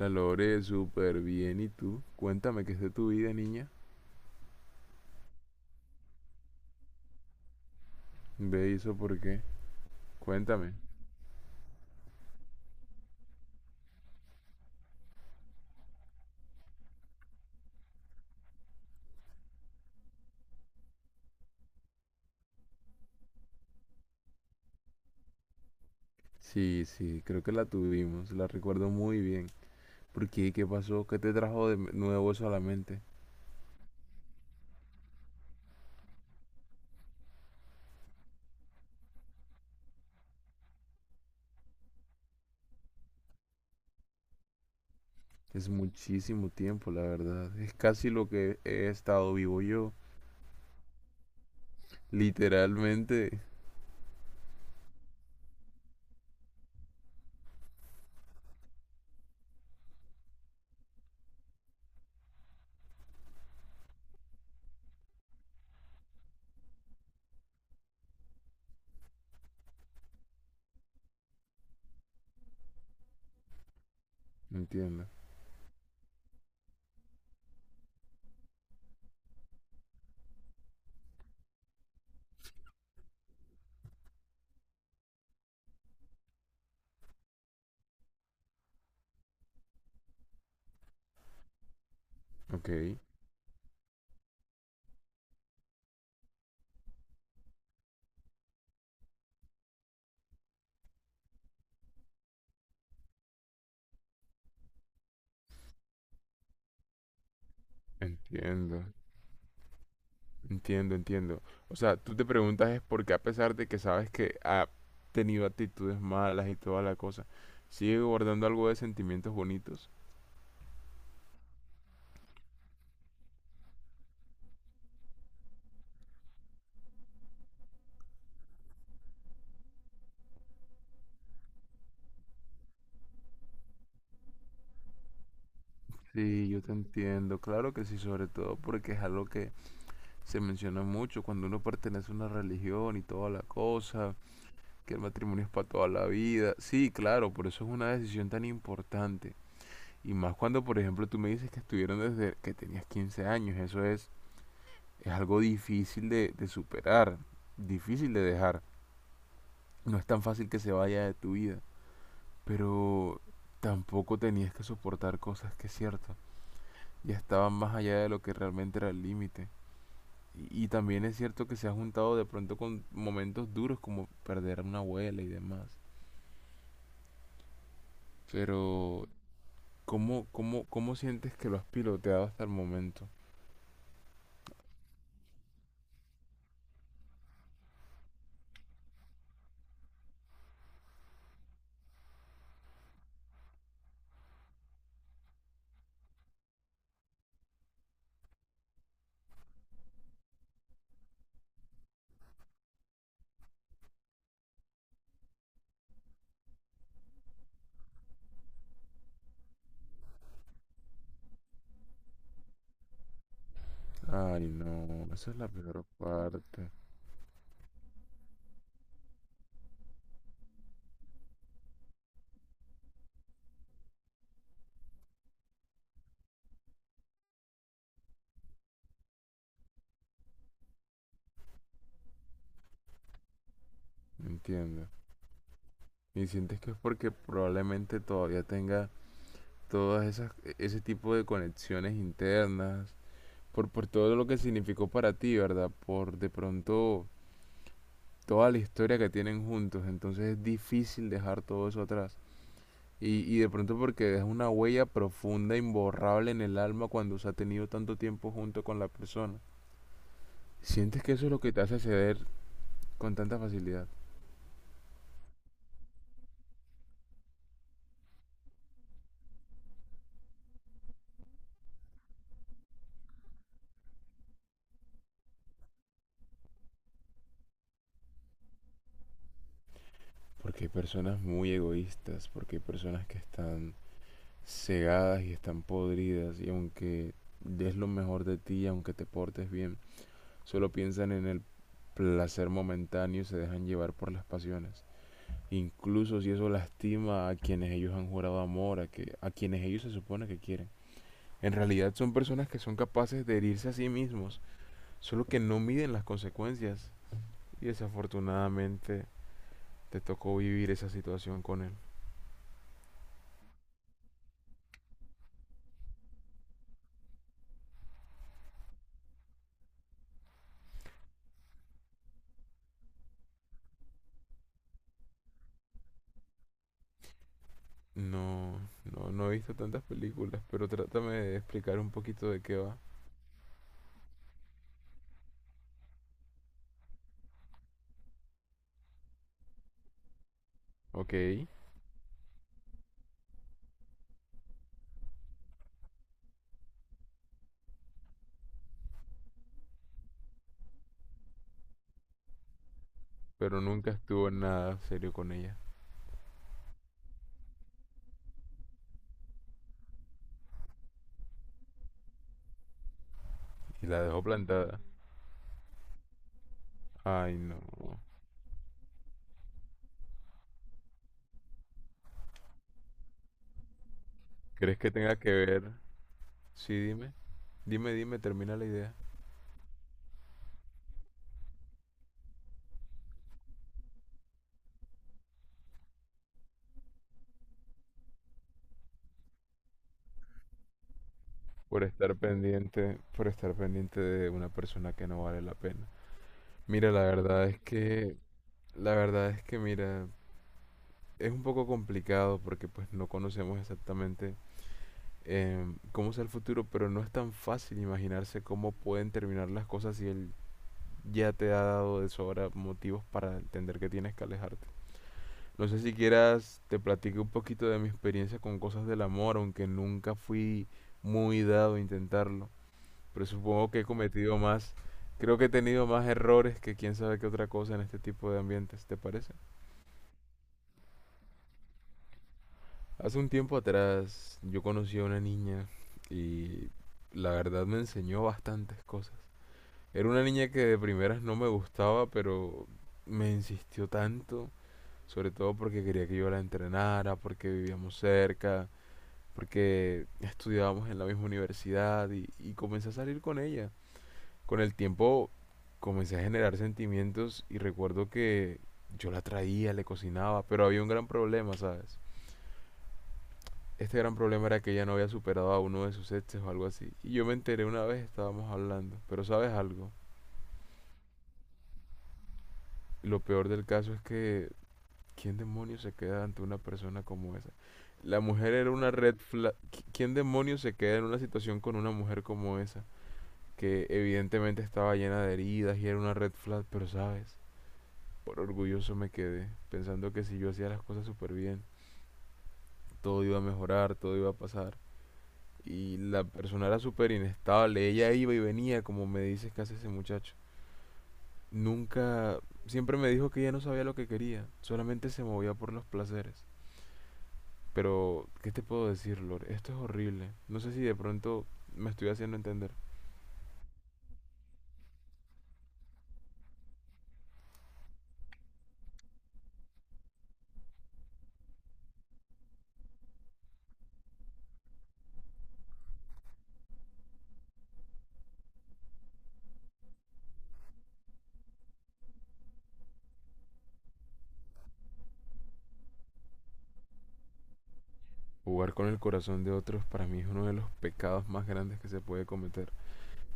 La logré súper bien. ¿Y tú? Cuéntame qué es de tu vida, niña. Ve eso por qué. Cuéntame. Sí, creo que la tuvimos. La recuerdo muy bien. ¿Por qué? ¿Qué pasó? ¿Qué te trajo de nuevo eso a la mente? Es muchísimo tiempo, la verdad. Es casi lo que he estado vivo yo. Literalmente. Entiendo. Ok, entiendo. Entiendo. O sea, tú te preguntas es por qué a pesar de que sabes que ha tenido actitudes malas y toda la cosa, sigue guardando algo de sentimientos bonitos. Sí, yo te entiendo, claro que sí, sobre todo porque es algo que se menciona mucho cuando uno pertenece a una religión y toda la cosa, que el matrimonio es para toda la vida. Sí, claro, por eso es una decisión tan importante. Y más cuando, por ejemplo, tú me dices que estuvieron desde que tenías 15 años, eso es algo difícil de superar, difícil de dejar. No es tan fácil que se vaya de tu vida, pero tampoco tenías que soportar cosas que es cierto, ya estaban más allá de lo que realmente era el límite. Y también es cierto que se ha juntado de pronto con momentos duros como perder a una abuela y demás. Pero, ¿cómo sientes que lo has piloteado hasta el momento? Ay, no, esa es la peor parte, entiendo. Y sientes que es porque probablemente todavía tengas todas esas ese tipo de conexiones internas, por todo lo que significó para ti, ¿verdad? Por de pronto toda la historia que tienen juntos, entonces es difícil dejar todo eso atrás. Y de pronto porque deja una huella profunda, imborrable en el alma cuando se ha tenido tanto tiempo junto con la persona. Sientes que eso es lo que te hace ceder con tanta facilidad. Porque hay personas muy egoístas, porque hay personas que están cegadas y están podridas, y aunque des lo mejor de ti, aunque te portes bien, solo piensan en el placer momentáneo y se dejan llevar por las pasiones. Incluso si eso lastima a quienes ellos han jurado amor, a quienes ellos se supone que quieren. En realidad son personas que son capaces de herirse a sí mismos, solo que no miden las consecuencias. Y desafortunadamente te tocó vivir esa situación con él. No, no, no he visto tantas películas, pero trátame de explicar un poquito de qué va. Ok, pero nunca estuvo en nada serio con ella. Y la dejó plantada. Ay, no. ¿Crees que tenga que ver? Sí, dime. Dime, dime, termina la idea. Por estar pendiente de una persona que no vale la pena. Mira, la verdad es que, la verdad es que, mira, es un poco complicado porque pues no conocemos exactamente cómo será el futuro, pero no es tan fácil imaginarse cómo pueden terminar las cosas y el ya te ha dado de sobra motivos para entender que tienes que alejarte. No sé si quieras, te platico un poquito de mi experiencia con cosas del amor, aunque nunca fui muy dado a intentarlo. Pero supongo que creo que he tenido más errores que quién sabe qué otra cosa en este tipo de ambientes, ¿te parece? Hace un tiempo atrás yo conocí a una niña y la verdad me enseñó bastantes cosas. Era una niña que de primeras no me gustaba, pero me insistió tanto sobre todo porque quería que yo la entrenara, porque vivíamos cerca, porque estudiábamos en la misma universidad y comencé a salir con ella. Con el tiempo comencé a generar sentimientos y recuerdo que yo la traía, le cocinaba, pero había un gran problema, ¿sabes? Este gran problema era que ella no había superado a uno de sus exes o algo así. Y yo me enteré una vez, estábamos hablando, pero ¿sabes algo? Lo peor del caso es que ¿quién demonios se queda ante una persona como esa? La mujer era una red flag. ¿Quién demonios se queda en una situación con una mujer como esa? Que evidentemente estaba llena de heridas y era una red flag, pero sabes, por orgulloso me quedé, pensando que si yo hacía las cosas súper bien, todo iba a mejorar, todo iba a pasar. Y la persona era súper inestable, ella iba y venía, como me dices que hace ese muchacho. Nunca, siempre me dijo que ella no sabía lo que quería, solamente se movía por los placeres. Pero, ¿qué te puedo decir, Lord? Esto es horrible. No sé si de pronto me estoy haciendo entender. Jugar con el corazón de otros para mí es uno de los pecados más grandes que se puede cometer.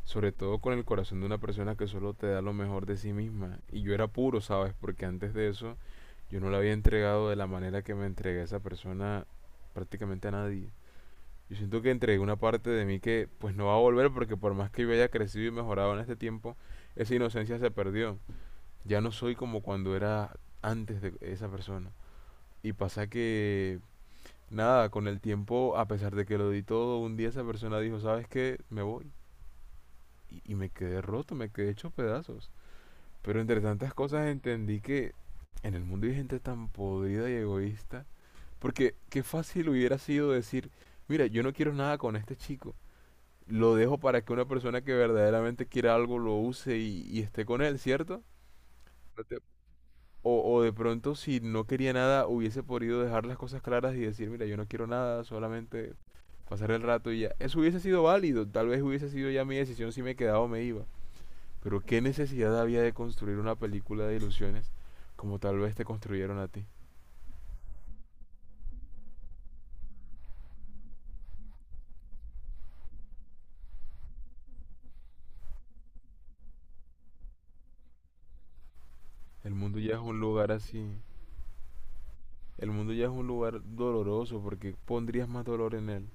Sobre todo con el corazón de una persona que solo te da lo mejor de sí misma. Y yo era puro, ¿sabes? Porque antes de eso yo no le había entregado de la manera que me entregué a esa persona prácticamente a nadie. Yo siento que entregué una parte de mí que pues no va a volver porque por más que yo haya crecido y mejorado en este tiempo, esa inocencia se perdió. Ya no soy como cuando era antes de esa persona. Y pasa que, nada, con el tiempo, a pesar de que lo di todo, un día esa persona dijo, ¿sabes qué? Me voy. Y me quedé roto, me quedé hecho pedazos. Pero entre tantas cosas entendí que en el mundo hay gente tan podrida y egoísta. Porque qué fácil hubiera sido decir, mira, yo no quiero nada con este chico. Lo dejo para que una persona que verdaderamente quiera algo lo use y esté con él, ¿cierto? ¿No te- O, o de pronto, si no quería nada, hubiese podido dejar las cosas claras y decir, mira, yo no quiero nada, solamente pasar el rato y ya. Eso hubiese sido válido, tal vez hubiese sido ya mi decisión si me quedaba o me iba. Pero qué necesidad había de construir una película de ilusiones como tal vez te construyeron a ti. El mundo ya es un lugar así. El mundo ya es un lugar doloroso porque pondrías más dolor en él.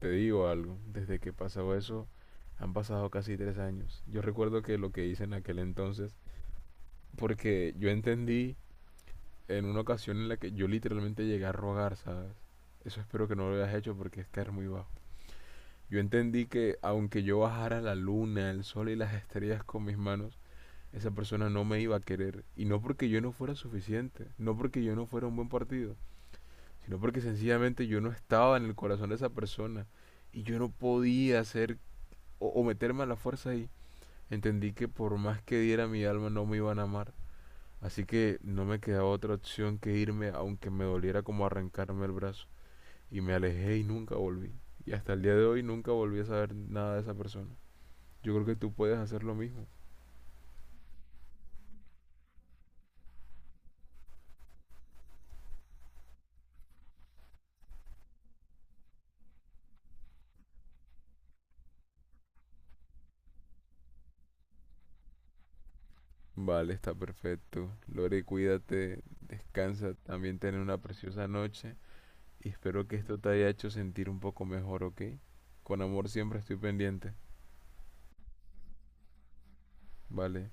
Te digo algo, desde que pasó eso han pasado casi 3 años. Yo recuerdo que lo que hice en aquel entonces, porque yo entendí en una ocasión en la que yo literalmente llegué a rogar, ¿sabes? Eso espero que no lo hayas hecho porque es caer muy bajo. Yo entendí que aunque yo bajara la luna, el sol y las estrellas con mis manos, esa persona no me iba a querer. Y no porque yo no fuera suficiente, no porque yo no fuera un buen partido, sino porque sencillamente yo no estaba en el corazón de esa persona. Y yo no podía hacer o meterme a la fuerza ahí. Entendí que por más que diera mi alma no me iban a amar. Así que no me quedaba otra opción que irme aunque me doliera como arrancarme el brazo. Y me alejé y nunca volví. Y hasta el día de hoy nunca volví a saber nada de esa persona. Yo creo que tú puedes hacer lo mismo. Vale, está perfecto. Lore, cuídate, descansa, también ten una preciosa noche. Y espero que esto te haya hecho sentir un poco mejor, ¿ok? Con amor siempre estoy pendiente. Vale.